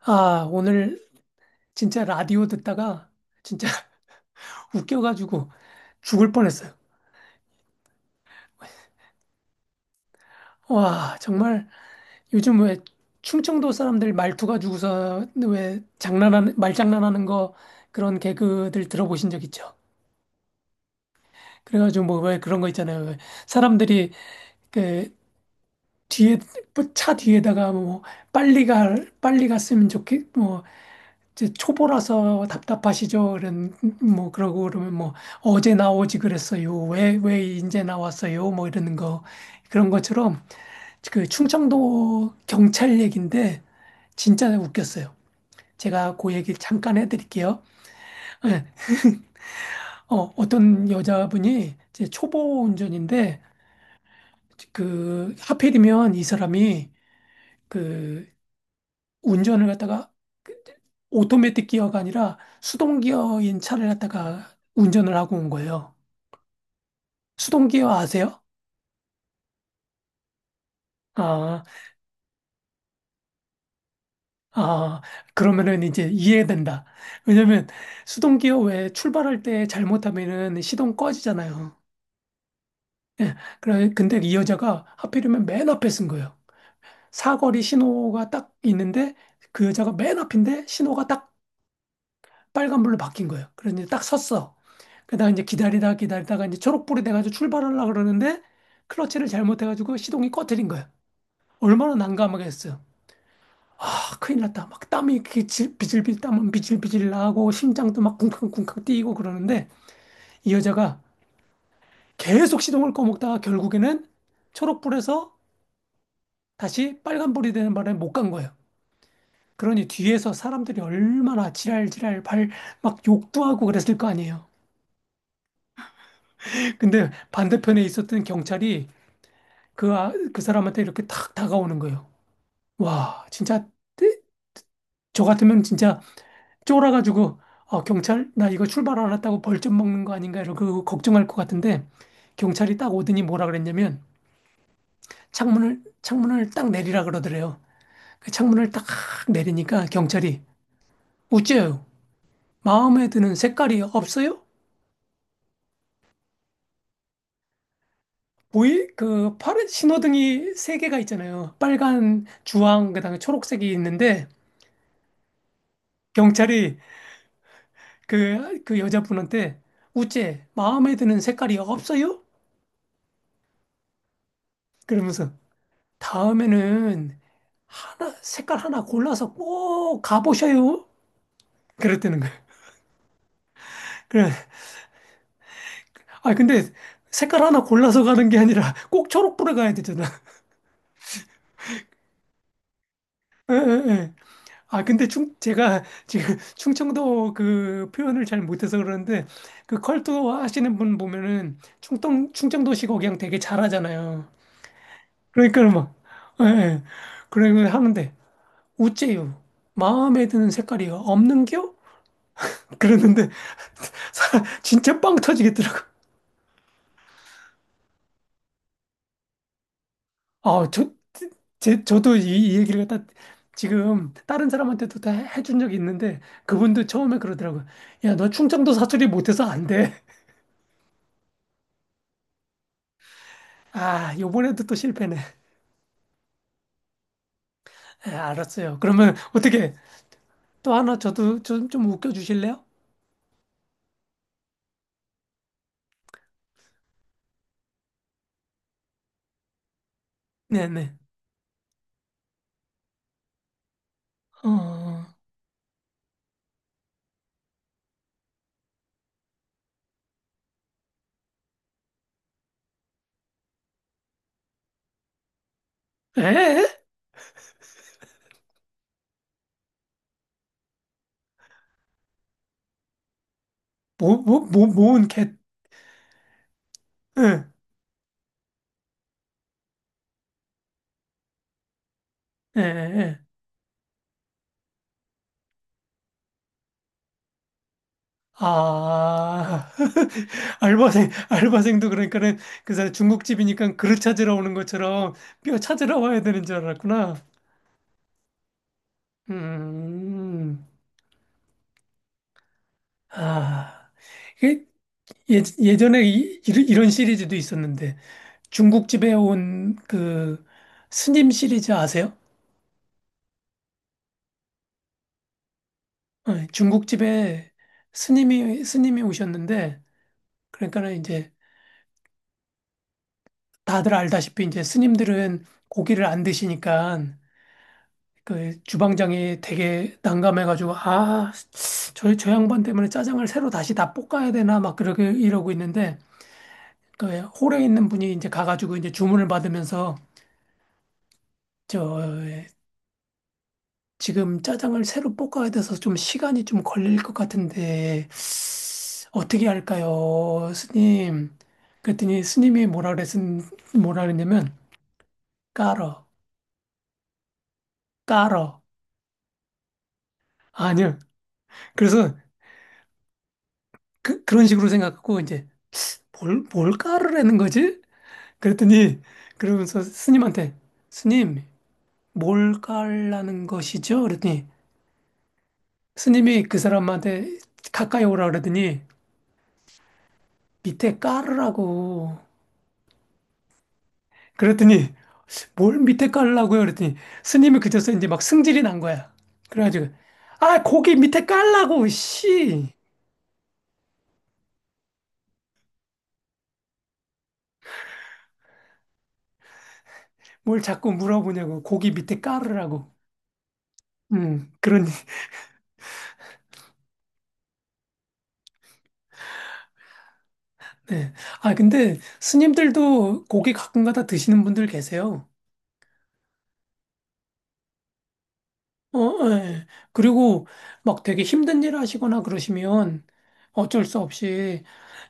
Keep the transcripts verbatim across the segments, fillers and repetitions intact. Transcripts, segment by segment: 아, 오늘 진짜 라디오 듣다가 진짜 웃겨가지고 죽을 뻔했어요. 와, 정말 요즘 왜 충청도 사람들 말투 가지고서 왜 장난하는, 말장난하는 거 그런 개그들 들어보신 적 있죠? 그래가지고 뭐 왜 그런 거 있잖아요. 왜 사람들이 그 뒤에, 뭐차 뒤에다가 뭐 빨리 가, 빨리 갔으면 좋겠, 뭐 이제 초보라서 답답하시죠? 그런 뭐 그러고 그러면 뭐 어제 나오지 그랬어요. 왜 왜 이제 나왔어요? 뭐 이러는 거 그런 것처럼 그 충청도 경찰 얘기인데 진짜 웃겼어요. 제가 그 얘기를 잠깐 해드릴게요. 예. 어, 어떤 여자분이 이제 초보 운전인데 그 하필이면 이 사람이 그 운전을 갖다가 그- 오토매틱 기어가 아니라 수동 기어인 차를 갖다가 운전을 하고 온 거예요. 수동 기어 아세요? 아, 아, 그러면은 이제 이해된다. 왜냐면 수동 기어 왜 출발할 때 잘못하면은 시동 꺼지잖아요. 예. 그래, 근데 이 여자가 하필이면 맨 앞에 쓴 거예요. 사거리 신호가 딱 있는데 그 여자가 맨 앞인데 신호가 딱 빨간불로 바뀐 거예요. 그래서 이제 딱 섰어. 그러다가 이제 기다리다 기다리다가 이제 초록불이 돼가지고 출발하려고 그러는데 클러치를 잘못해가지고 시동이 꺼트린 거예요. 얼마나 난감하겠어요. 아, 큰일 났다. 막 땀이 그 질- 비질비질 땀은 비질비질 나고 심장도 막 쿵쾅쿵쾅 뛰고 그러는데 이 여자가 계속 시동을 꺼먹다가 결국에는 초록불에서 다시 빨간불이 되는 바람에 못 간 거예요. 그러니 뒤에서 사람들이 얼마나 지랄지랄 발 막 욕도 하고 그랬을 거 아니에요. 근데 반대편에 있었던 경찰이 그, 아- 그 사람한테 이렇게 탁 다가오는 거예요. 와, 진짜, 떼- 저 같으면 진짜 쫄아가지고, 아, 경찰, 나 이거 출발 안 했다고 벌점 먹는 거 아닌가, 이러고 걱정할 것 같은데, 경찰이 딱 오더니 뭐라 그랬냐면, 창문을, 창문을 딱 내리라 그러더래요. 그 창문을 딱 내리니까 경찰이, 우째요, 마음에 드는 색깔이 없어요? 보이, 그, 파란 신호등이 세 개가 있잖아요. 빨간, 주황, 그다음에 초록색이 있는데, 경찰이 그, 그 여자분한테 우째 마음에 드는 색깔이 없어요? 그러면서 다음에는 하나, 색깔 하나 골라서 꼭 가보셔요. 그랬다는 거야. 그래. 아, 근데 색깔 하나 골라서 가는 게 아니라 꼭 초록불에 가야 되잖아. 예, 예, 예. 아, 근데 충, 제가 지금 충청도 그 표현을 잘 못해서 그러는데 그 컬투 하시는 분 보면은 충청, 충청도식 억양 되게 잘하잖아요. 그러니까 막, 예, 예. 그러면 하는데. 우째요. 마음에 드는 색깔이 없는겨? 그러는데 사- 진짜 빵 터지겠더라고. 아, 저, 제, 저도 이, 이 얘기를 갖다 지금 다른 사람한테도 다 해- 해준 적이 있는데 그분도 처음에 그러더라고요. 야, 너 충청도 사투리 못해서 안 돼. 아, 요번에도 또 실패네. 예 알았어요. 그러면 어떻게 또 하나 저도 좀, 좀 웃겨 주실래요? 네네. 어, 어. 에? 뭐, 뭐, 뭐, 뭔 개, 예, 예, 예. 아, 알바생, 알바생도 그러니까는 그 사람 중국집이니까 그릇 찾으러 오는 것처럼 뼈 찾으러 와야 되는 줄 알았구나. 음, 아, 이게 예, 예전에 이, 이런 이런 시리즈도 있었는데 중국집에 온 그 스님 시리즈 아세요? 어, 중국집에 스님이, 스님이 오셨는데 그러니까는 이제 다들 알다시피 이제 스님들은 고기를 안 드시니까 그 주방장이 되게 난감해가지고 아, 저, 저 양반 때문에 짜장을 새로 다시 다 볶아야 되나 막 그렇게 이러고 있는데 그 홀에 있는 분이 이제 가가지고 이제 주문을 받으면서 저 지금 짜장을 새로 볶아야 돼서 좀 시간이 좀 걸릴 것 같은데 어떻게 할까요, 스님? 그랬더니 스님이 뭐라 그랬은 뭐라 그랬냐면 깔어, 깔어. 아니요. 그래서 그, 그런 식으로 생각하고 이제 뭘, 뭘 깔으라는 거지? 그랬더니 그러면서 스님한테 스님 뭘 깔라는 것이죠? 그랬더니 스님이 그 사람한테 가까이 오라 그러더니 밑에 깔으라고 그랬더니 뭘 밑에 깔라고요? 그랬더니 스님이 그제서 이제 막 승질이 난 거야. 그래가지고 아 고기 밑에 깔라고 씨 뭘 자꾸 물어보냐고 고기 밑에 깔으라고. 음 그런 네. 아 근데 스님들도 고기 가끔가다 드시는 분들 계세요. 어, 예. 그리고 막 되게 힘든 일 하시거나 그러시면 어쩔 수 없이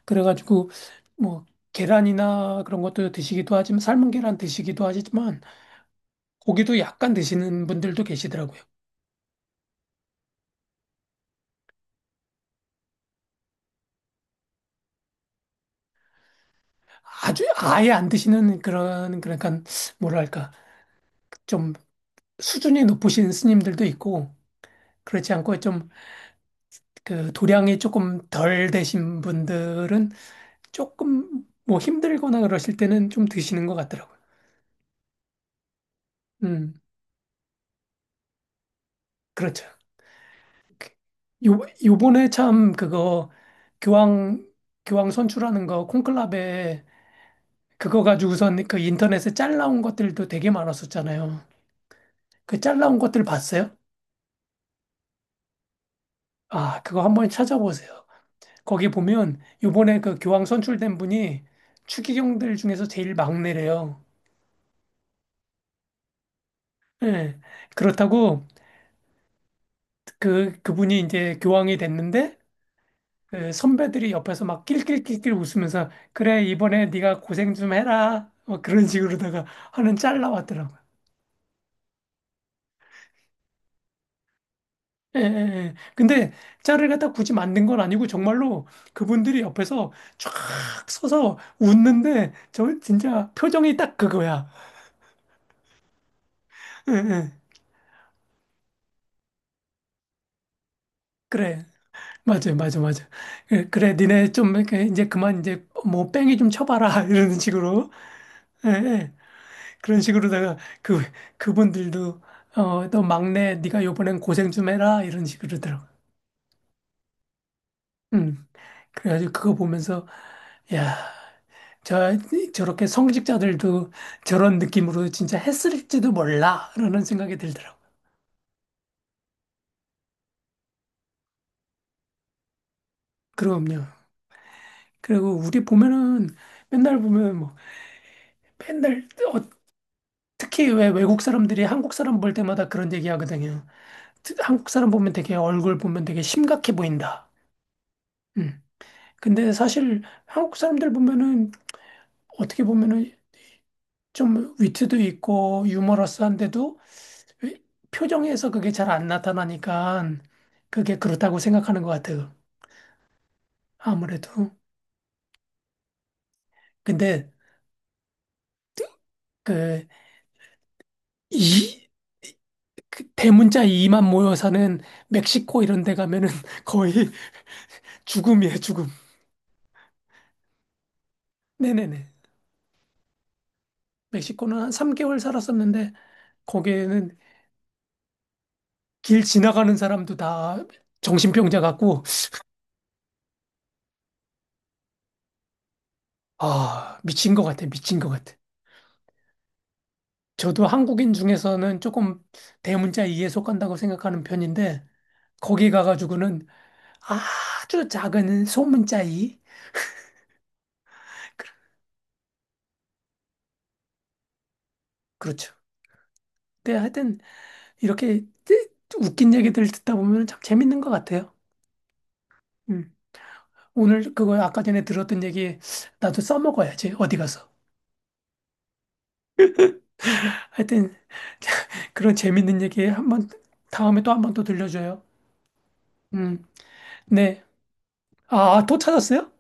그래가지고 뭐 계란이나 그런 것도 드시기도 하지만 삶은 계란 드시기도 하지만 고기도 약간 드시는 분들도 계시더라고요. 아주 아예 안 드시는 그런 그러니까 뭐랄까 좀 수준이 높으신 스님들도 있고 그렇지 않고 좀 그 도량이 조금 덜 되신 분들은 조금 뭐 힘들거나 그러실 때는 좀 드시는 것 같더라고요. 음. 그렇죠. 요, 요번에 참 그거 교황, 교황 선출하는 거 콘클라베 그거 가지고선 그 인터넷에 짤 나온 것들도 되게 많았었잖아요. 그 짤 나온 것들 봤어요? 아, 그거 한번 찾아보세요. 거기 보면 요번에 그 교황 선출된 분이 추기경들 중에서 제일 막내래요. 예. 그렇다고 그, 그분이 이제 교황이 됐는데 그 선배들이 옆에서 막 낄낄낄낄 웃으면서 그래 이번에 네가 고생 좀 해라 뭐 그런 식으로다가 하는 짤 나왔더라고요. 예, 예, 예. 근데 짤을 갖다 굳이 만든 건 아니고 정말로 그분들이 옆에서 쫙 서서 웃는데 저 진짜 표정이 딱 그거야. 예, 예. 그래. 맞아요, 맞아, 맞아. 예, 그래, 니네 좀 이렇게 이제 그만 이제 뭐 뺑이 좀 쳐봐라 이런 식으로. 예, 예. 그런 식으로다가 그 그분들도 어 너 막내 네가 요번엔 고생 좀 해라 이런 식으로더라고. 음. 그래가지고 그거 보면서 야, 저 저렇게 성직자들도 저런 느낌으로 진짜 했을지도 몰라라는 생각이 들더라고. 그럼요. 그리고 우리 보면은 맨날 보면 뭐 맨날 어, 특히 왜 외국 사람들이 한국 사람 볼 때마다 그런 얘기 하거든요. 트- 한국 사람 보면 되게 얼굴 보면 되게 심각해 보인다. 음. 근데 사실 한국 사람들 보면은 어떻게 보면은 좀 위트도 있고 유머러스한데도 왜- 표정에서 그게 잘 안 나타나니까 그게 그렇다고 생각하는 것 같아요. 아무래도. 근데 그 이, 그 대문자 이만 모여사는 멕시코 이런 데 가면은 거의 죽음이에요, 죽음. 네네네. 멕시코는 한 삼 개월 살았었는데 거기에는 길 지나가는 사람도 다 정신병자 같고 아, 미친 것 같아, 미친 것 같아. 저도 한국인 중에서는 조금 대문자 이에 속한다고 생각하는 편인데 거기 가가지고는 아주 작은 소문자 이 그렇죠. 근데 하여튼 이렇게 웃긴 얘기들 듣다 보면 참 재밌는 것 같아요. 음. 오늘 그거 아까 전에 들었던 얘기 나도 써먹어야지 어디 가서. 하여튼 그런 재밌는 얘기 한번 다음에 또 한번 또 들려줘요. 음. 네. 아, 또 찾았어요?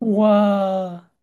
우와.